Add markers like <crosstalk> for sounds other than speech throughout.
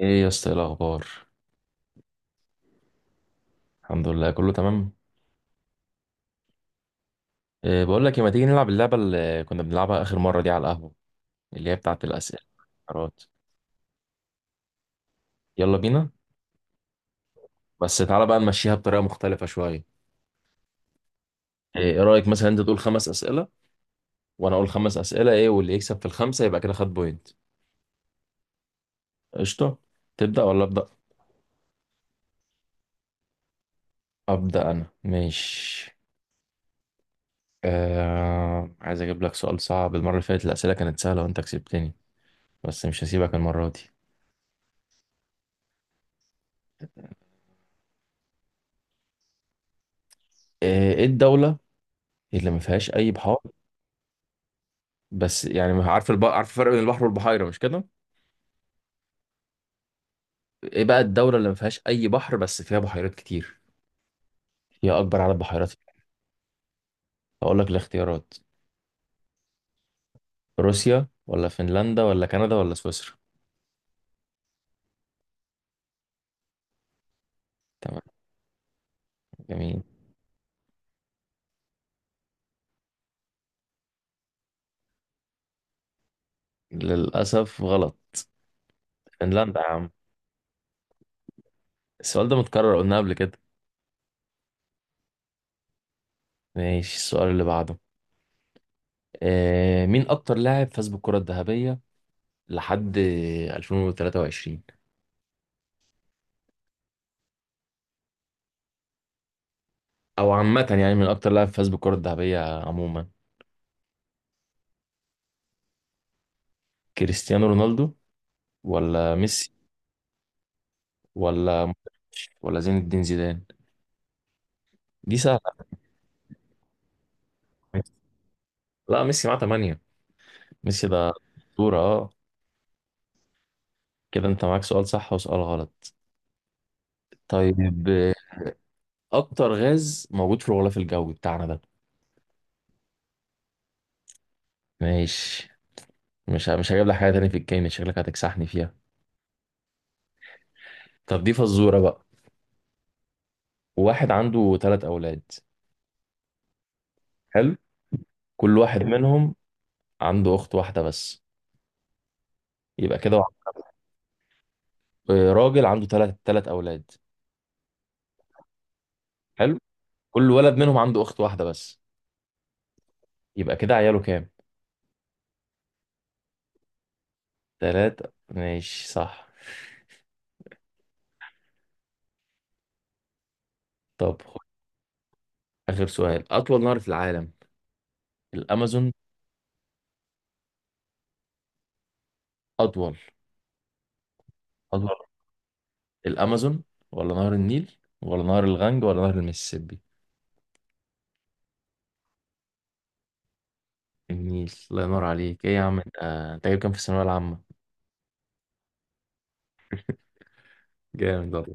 ايه يا اسطى، ايه الاخبار؟ الحمد لله كله تمام. إيه بقول لك إيه، ما تيجي نلعب اللعبه اللي كنا بنلعبها اخر مره دي على القهوه، اللي هي بتاعه الاسئله والقرارات. يلا بينا. بس تعالى بقى نمشيها بطريقه مختلفه شويه. ايه إيه رايك مثلا انت تقول خمس اسئله وانا اقول خمس اسئله، ايه واللي يكسب في الخمسه يبقى كده خد بوينت. قشطه. تبدا ولا ابدا؟ ابدا انا، ماشي. عايز اجيب لك سؤال صعب. المره اللي فاتت الاسئله كانت سهله وانت كسبتني، بس مش هسيبك المره دي. ايه إيه الدوله اللي ما فيهاش اي بحار؟ بس يعني ما عارف عارف الفرق بين البحر والبحيرة، مش كده؟ ايه بقى الدولة اللي ما فيهاش أي بحر بس فيها بحيرات كتير؟ هي أكبر عدد بحيرات. هقول لك الاختيارات: روسيا ولا فنلندا ولا كندا ولا سويسرا؟ تمام. جميل. للأسف غلط، فنلندا يا عم. السؤال ده متكرر، قلنا قبل كده. ماشي، السؤال اللي بعده. آه، مين أكتر لاعب فاز بالكرة الذهبية لحد 2023؟ أو عامة يعني، من أكتر لاعب فاز بالكرة الذهبية عموما؟ كريستيانو رونالدو ولا ميسي ولا مودريتش ولا زين الدين زيدان؟ دي سهلة. لا، ميسي معاه تمانية. ميسي ده أسطورة، اه. كده انت معاك سؤال صح وسؤال غلط. طيب، اكتر غاز موجود في الغلاف الجوي بتاعنا ده؟ ماشي. مش هجيب لك حاجة تاني في الكيمياء، شكلك هتكسحني فيها. طب دي فزورة بقى. واحد عنده ثلاث اولاد. حلو. كل واحد منهم عنده اخت واحدة بس، يبقى كده آه، راجل عنده ثلاث اولاد. حلو. كل ولد منهم عنده اخت واحدة بس، يبقى كده عياله كام؟ تلاتة، ماشي صح. طب خد آخر سؤال: أطول نهر في العالم؟ الأمازون؟ أطول. أطول الأمازون ولا نهر النيل ولا نهر الغنج ولا نهر المسيسيبي؟ النيل، الله ينور عليك، إيه يا عم أنت. أنت جايب كام في الثانوية العامة؟ جامد والله.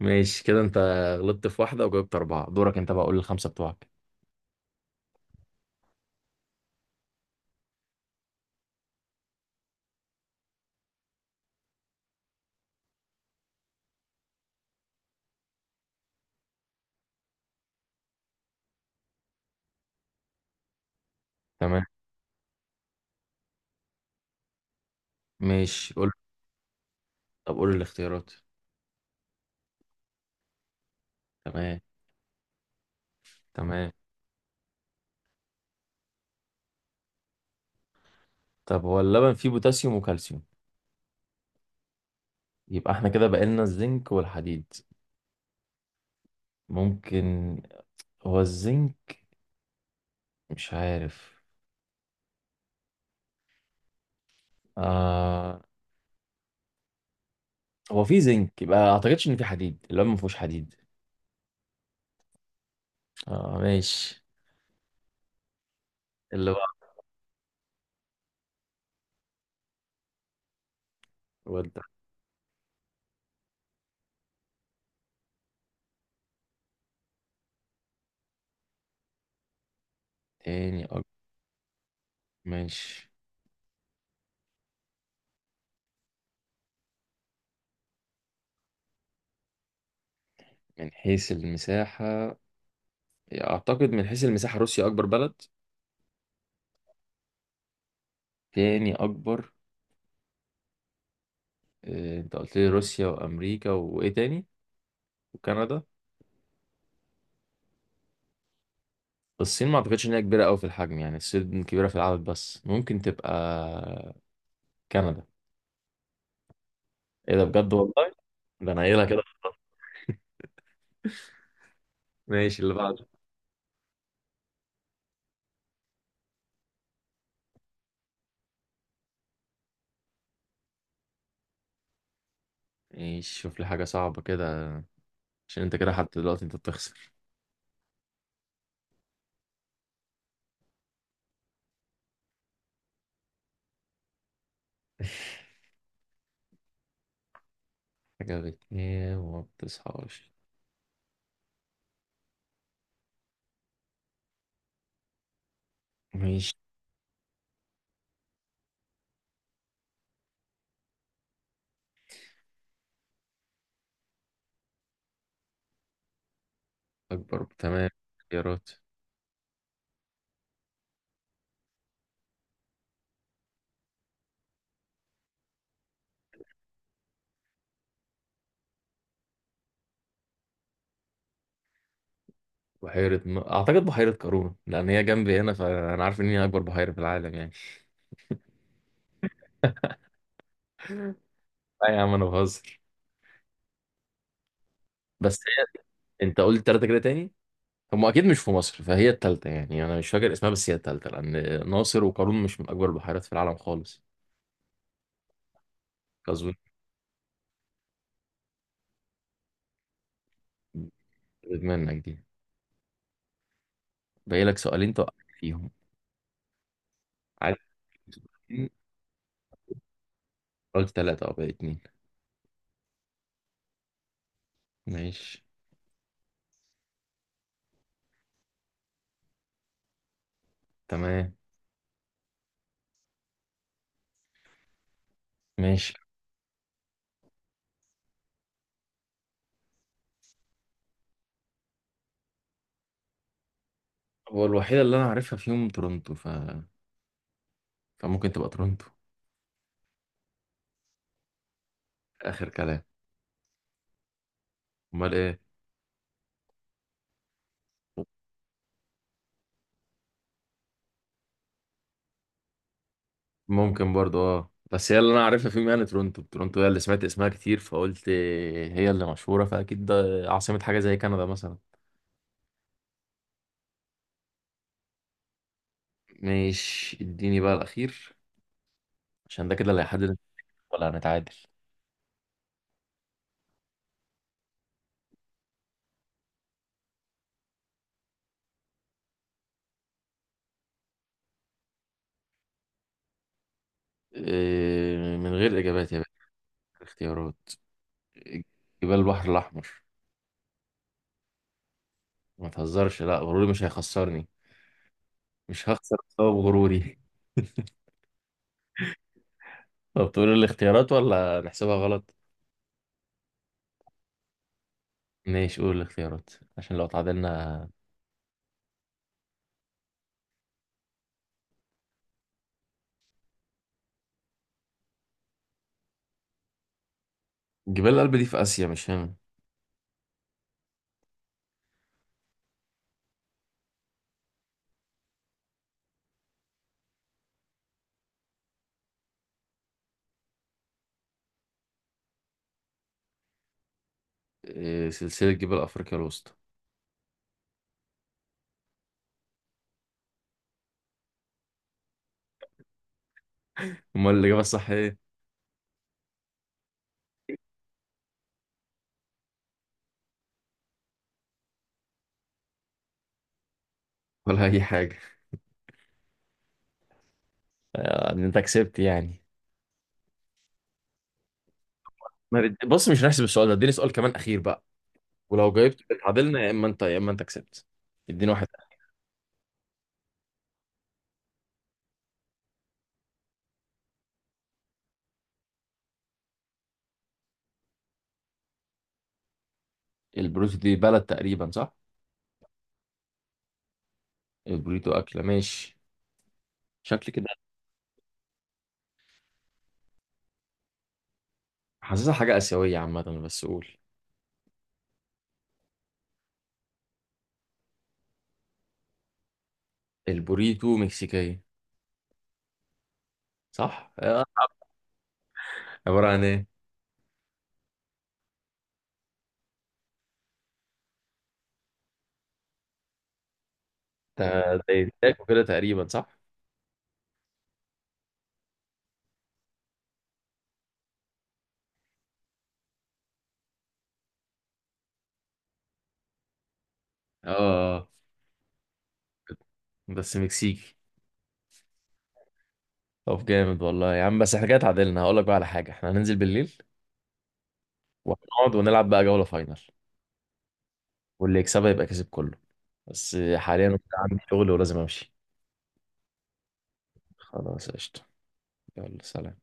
ماشي، كده أنت غلطت في واحدة وجاوبت أربعة. دورك أنت بقى، قول الخمسة بتوعك. تمام. ماشي قول. طب قول الاختيارات. تمام. تمام. طب هو اللبن فيه بوتاسيوم وكالسيوم؟ يبقى احنا كده بقالنا الزنك والحديد. ممكن. هو الزنك؟ مش عارف. آه. هو في زنك، يبقى ما اعتقدش ان في حديد، اللي هو ما فيهوش حديد. اه، ماشي اللي بقى. ودع. تاني أكبر؟ ماشي. من حيث المساحة؟ اعتقد من حيث المساحة روسيا اكبر بلد. تاني اكبر. آه، انت قلت لي روسيا وامريكا وايه تاني؟ وكندا. الصين ما اعتقدش ان هي كبيرة قوي في الحجم، يعني الصين كبيرة في العدد، بس ممكن تبقى كندا. ايه ده، بجد والله. ده انا قايلها كده خلاص. ماشي اللي بعده. ماشي، شوف لي حاجة صعبة كده، عشان انت كده حتى دلوقتي انت بتخسر. <laughs> حاجة بتنام وما بتصحاش. ماشي. أكبر. تمام. اختيارات. أعتقد بحيرة قارون، لأن هي جنبي هنا فأنا عارف إن هي أكبر بحيرة في العالم يعني. <laughs> لا يا عم، أنا بهزر. بس هي أنت قلت تلاتة كده تاني، هم أكيد مش في مصر، فهي التالتة يعني. أنا مش فاكر اسمها، بس هي التالتة، لأن ناصر وقارون مش من أكبر البحيرات في العالم خالص. كظن. منك دي. باقي لك سؤالين توقعك فيهم. عارف. قلت تلاتة أو باقي اتنين. ماشي. تمام. ماشي. هو الوحيدة اللي أنا عارفها فيهم تورونتو، فممكن تبقى تورونتو. آخر كلام. أمال إيه؟ ممكن برضو، أه، بس هي اللي أنا عارفها فيهم يعني، تورونتو. تورونتو هي اللي سمعت اسمها كتير، فقلت هي اللي مشهورة فأكيد ده عاصمة حاجة زي كندا مثلا. ماشي، اديني بقى الأخير، عشان ده كده اللي هيحدد، ولا هنتعادل. إيه، من غير إجابات يا باشا. اختيارات. جبال البحر الأحمر. ما تهزرش، لا غروري مش هيخسرني. مش هخسر بسبب غروري. <laughs> طب تقول الاختيارات ولا نحسبها غلط؟ ماشي قول الاختيارات، عشان لو اتعادلنا. جبال الألب دي في آسيا، مش هنا. إيه، سلسلة جبال أفريقيا الوسطى. امال الإجابة الصح إيه؟ ولا أي حاجة. آه، انت كسبت يعني. ما بد- بص مش هنحسب السؤال ده، اديني سؤال كمان أخير بقى، ولو جايبت اتعادلنا، يا إما أنت، يا إما أنت كسبت. اديني واحد. البروتو دي بلد تقريبا، صح؟ البوريتو أكلة، ماشي. شكل كده. حاسسها حاجة آسيوية عامة، بس قول. البوريتو مكسيكية. صح آه. عبارة عن إيه؟ ده يتاكل كده تقريبا، صح؟ اه. آه. بس مكسيكي. طب جامد والله يا عم. بس احنا كده اتعادلنا، هقول لك بقى على حاجه: احنا هننزل بالليل وهنقعد ونلعب بقى جوله فاينل، واللي يكسبها يبقى كسب كله. بس حاليا عندي شغل ولازم امشي. خلاص قشطه. يلا سلام.